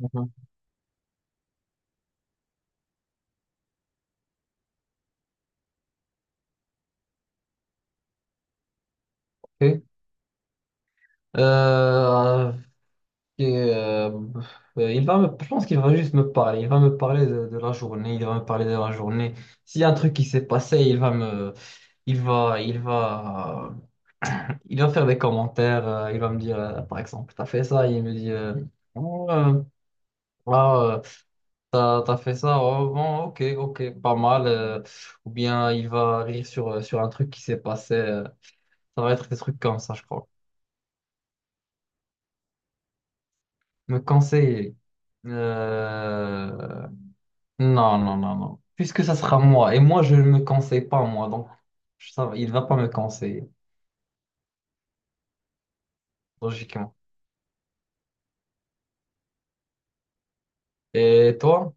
Ok. Euh, ok, euh, je pense qu'il va juste me parler. Il va me parler de la journée. Il va me parler de la journée. S'il y a un truc qui s'est passé, il va me, il va, il va, il va faire des commentaires. Il va me dire, par exemple, t'as fait ça. Il me dit, Oh, euh, ah, euh, t'as fait ça. Oh, bon, ok, ok, pas mal. Ou bien il va rire sur un truc qui s'est passé. Ça va être des trucs comme ça, je crois. Me conseiller. Euh, Non, non, non, non. Puisque ça sera moi. Et moi, je ne me conseille pas, moi. Donc, il ne va pas me conseiller, logiquement. Et toi?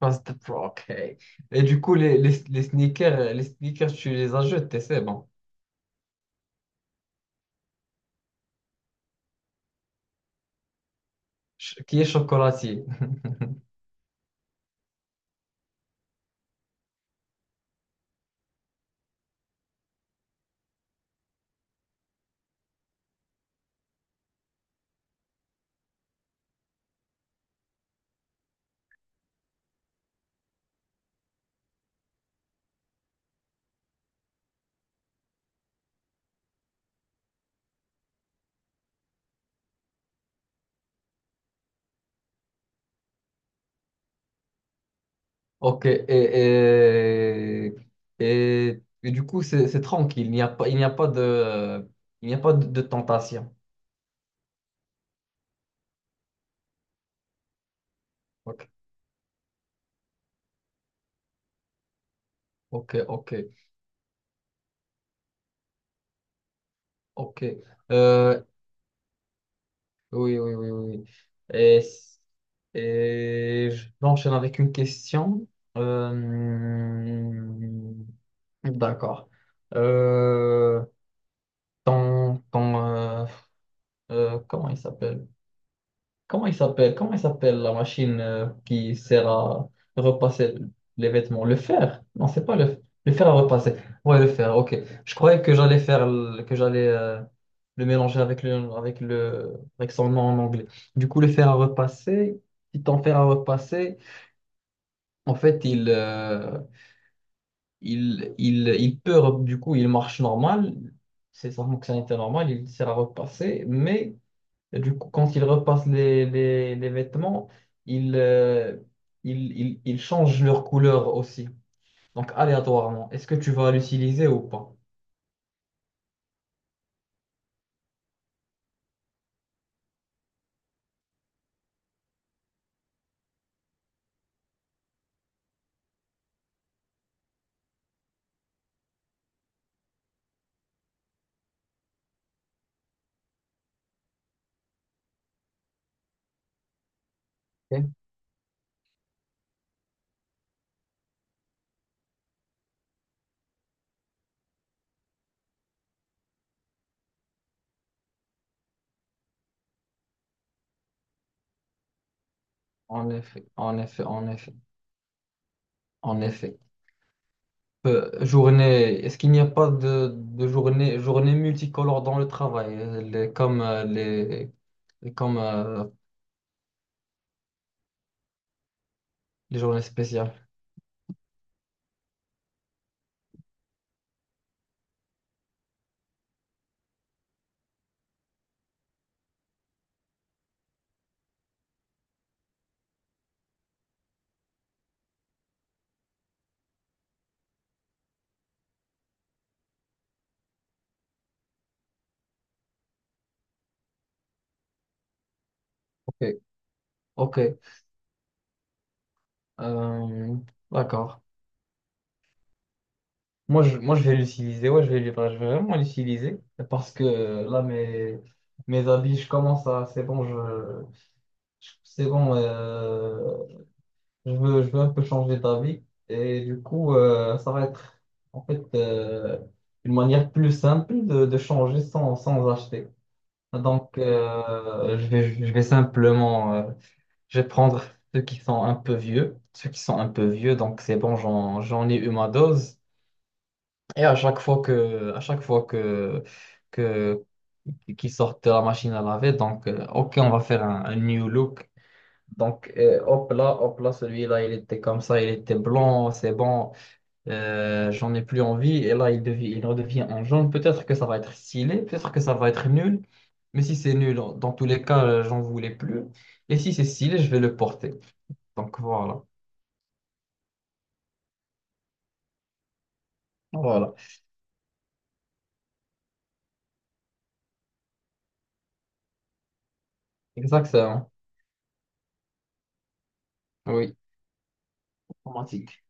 Pass the pro, ok. Et du coup, les sneakers, tu les as jetés, c'est bon. Ch- qui est chocolatier? Ok. Et du coup, c'est tranquille. Il n'y a pas, il n'y a pas il n'y a pas de, de tentation. Ok, ok, ok, ok. Euh, Oui, oui, oui, oui, oui. Et, et j'enchaîne avec une question. Euh, d'accord. Euh, ton, ton, euh, Comment il s'appelle? Comment il s'appelle? Comment il s'appelle la machine qui sert à repasser les vêtements? Le fer? Non, c'est pas le fer à repasser. Ouais, le fer, ok. Je croyais que j'allais le mélanger avec le avec le avec son nom en anglais. Du coup, le fer à repasser, si ton fer à repasser, en fait, il peut du coup, il marche normal. C'est sa fonctionnalité normale, il sert à repasser, mais et du coup, quand il repasse les vêtements, il, euh, il change leur couleur aussi. Donc, aléatoirement. Est-ce que tu vas l'utiliser ou pas? Ok. En effet, en effet, en effet, en effet. Est-ce qu'il n'y a pas journée multicolore dans le travail, comme, comme les journées spéciales? Ok. Ok. Euh, d'accord. Moi, je vais l'utiliser, ouais, je vais vraiment l'utiliser parce que là, mes habits, je commence à, c'est bon, je- c'est bon, je veux un peu changer d'avis et du coup, ça va être en fait une manière plus simple de changer sans acheter. Donc, je vais simplement, je vais prendre ceux qui sont un peu vieux, ceux qui sont un peu vieux, donc c'est bon, j'en ai eu ma dose. Et à chaque fois que, à chaque fois que, qu'ils sortent de la machine à laver, donc, ok, on va faire un new look. Donc, hop là, celui-là, il était comme ça, il était blanc, c'est bon, j'en ai plus envie. Et là, il redevient en jaune. Peut-être que ça va être stylé, peut-être que ça va être nul. Mais si c'est nul, dans tous les cas, j'en voulais plus. Et si c'est stylé, je vais le porter. Donc, voilà. Voilà, exactement. Oui, automatique.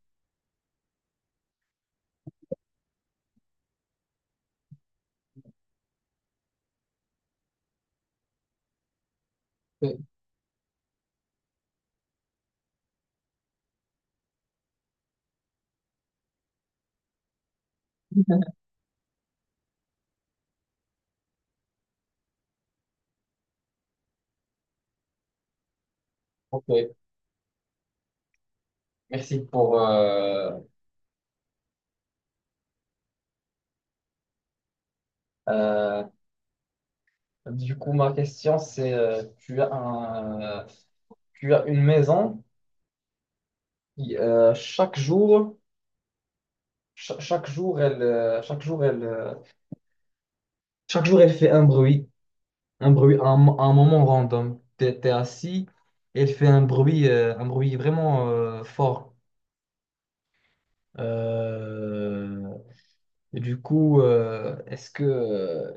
Ok, ok, merci pour... Euh, du coup, ma question, c'est, tu as une maison qui, chaque jour, cha- chaque jour, elle, chaque jour, elle, chaque jour, elle fait un bruit, à à un moment random. T'es assis, elle fait un bruit vraiment fort. Euh, et du coup, euh, est-ce que,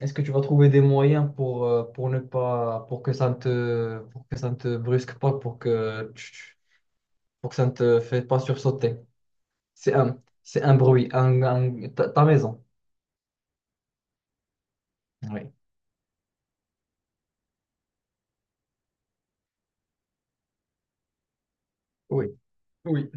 Est-ce que tu vas trouver des moyens pour ne pas, pour que ça ne te, pour que ça ne te brusque pas, pour que ça ne te fait pas sursauter. C'est un bruit, ta, ta maison. Oui, oui, oui.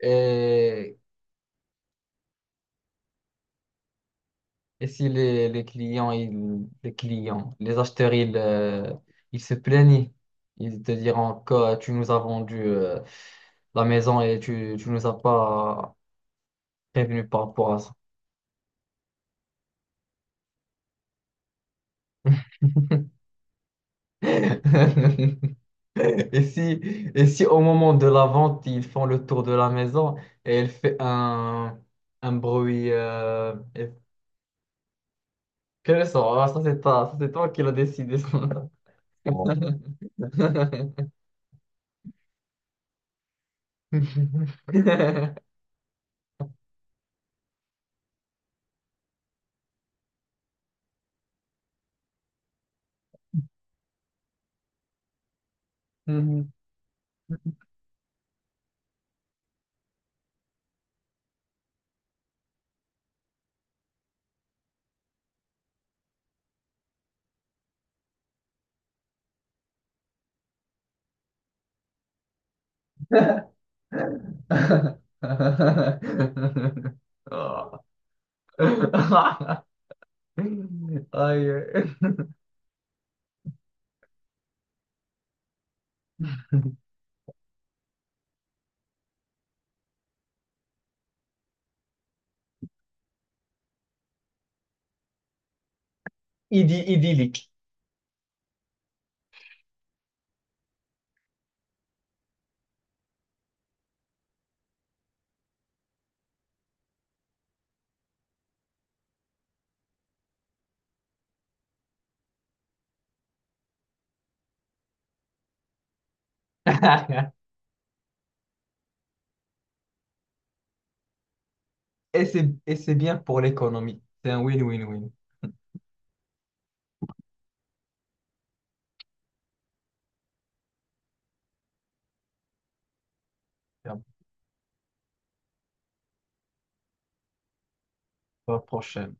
Et, et si les clients, les clients, les acheteurs, ils se plaignent, ils te diront que tu nous as vendu la maison et tu nous as pas prévenu par rapport à ça. Et si, et si au moment de la vente, ils font le tour de la maison et elle fait un bruit, elle Quel sort? Ah, ça, c'est toi qui l'as décidé. Ça. Bon. Ah. Aïe. Idy- idyllique. Et c'est bien pour l'économie. C'est un win-win-win. La prochaine.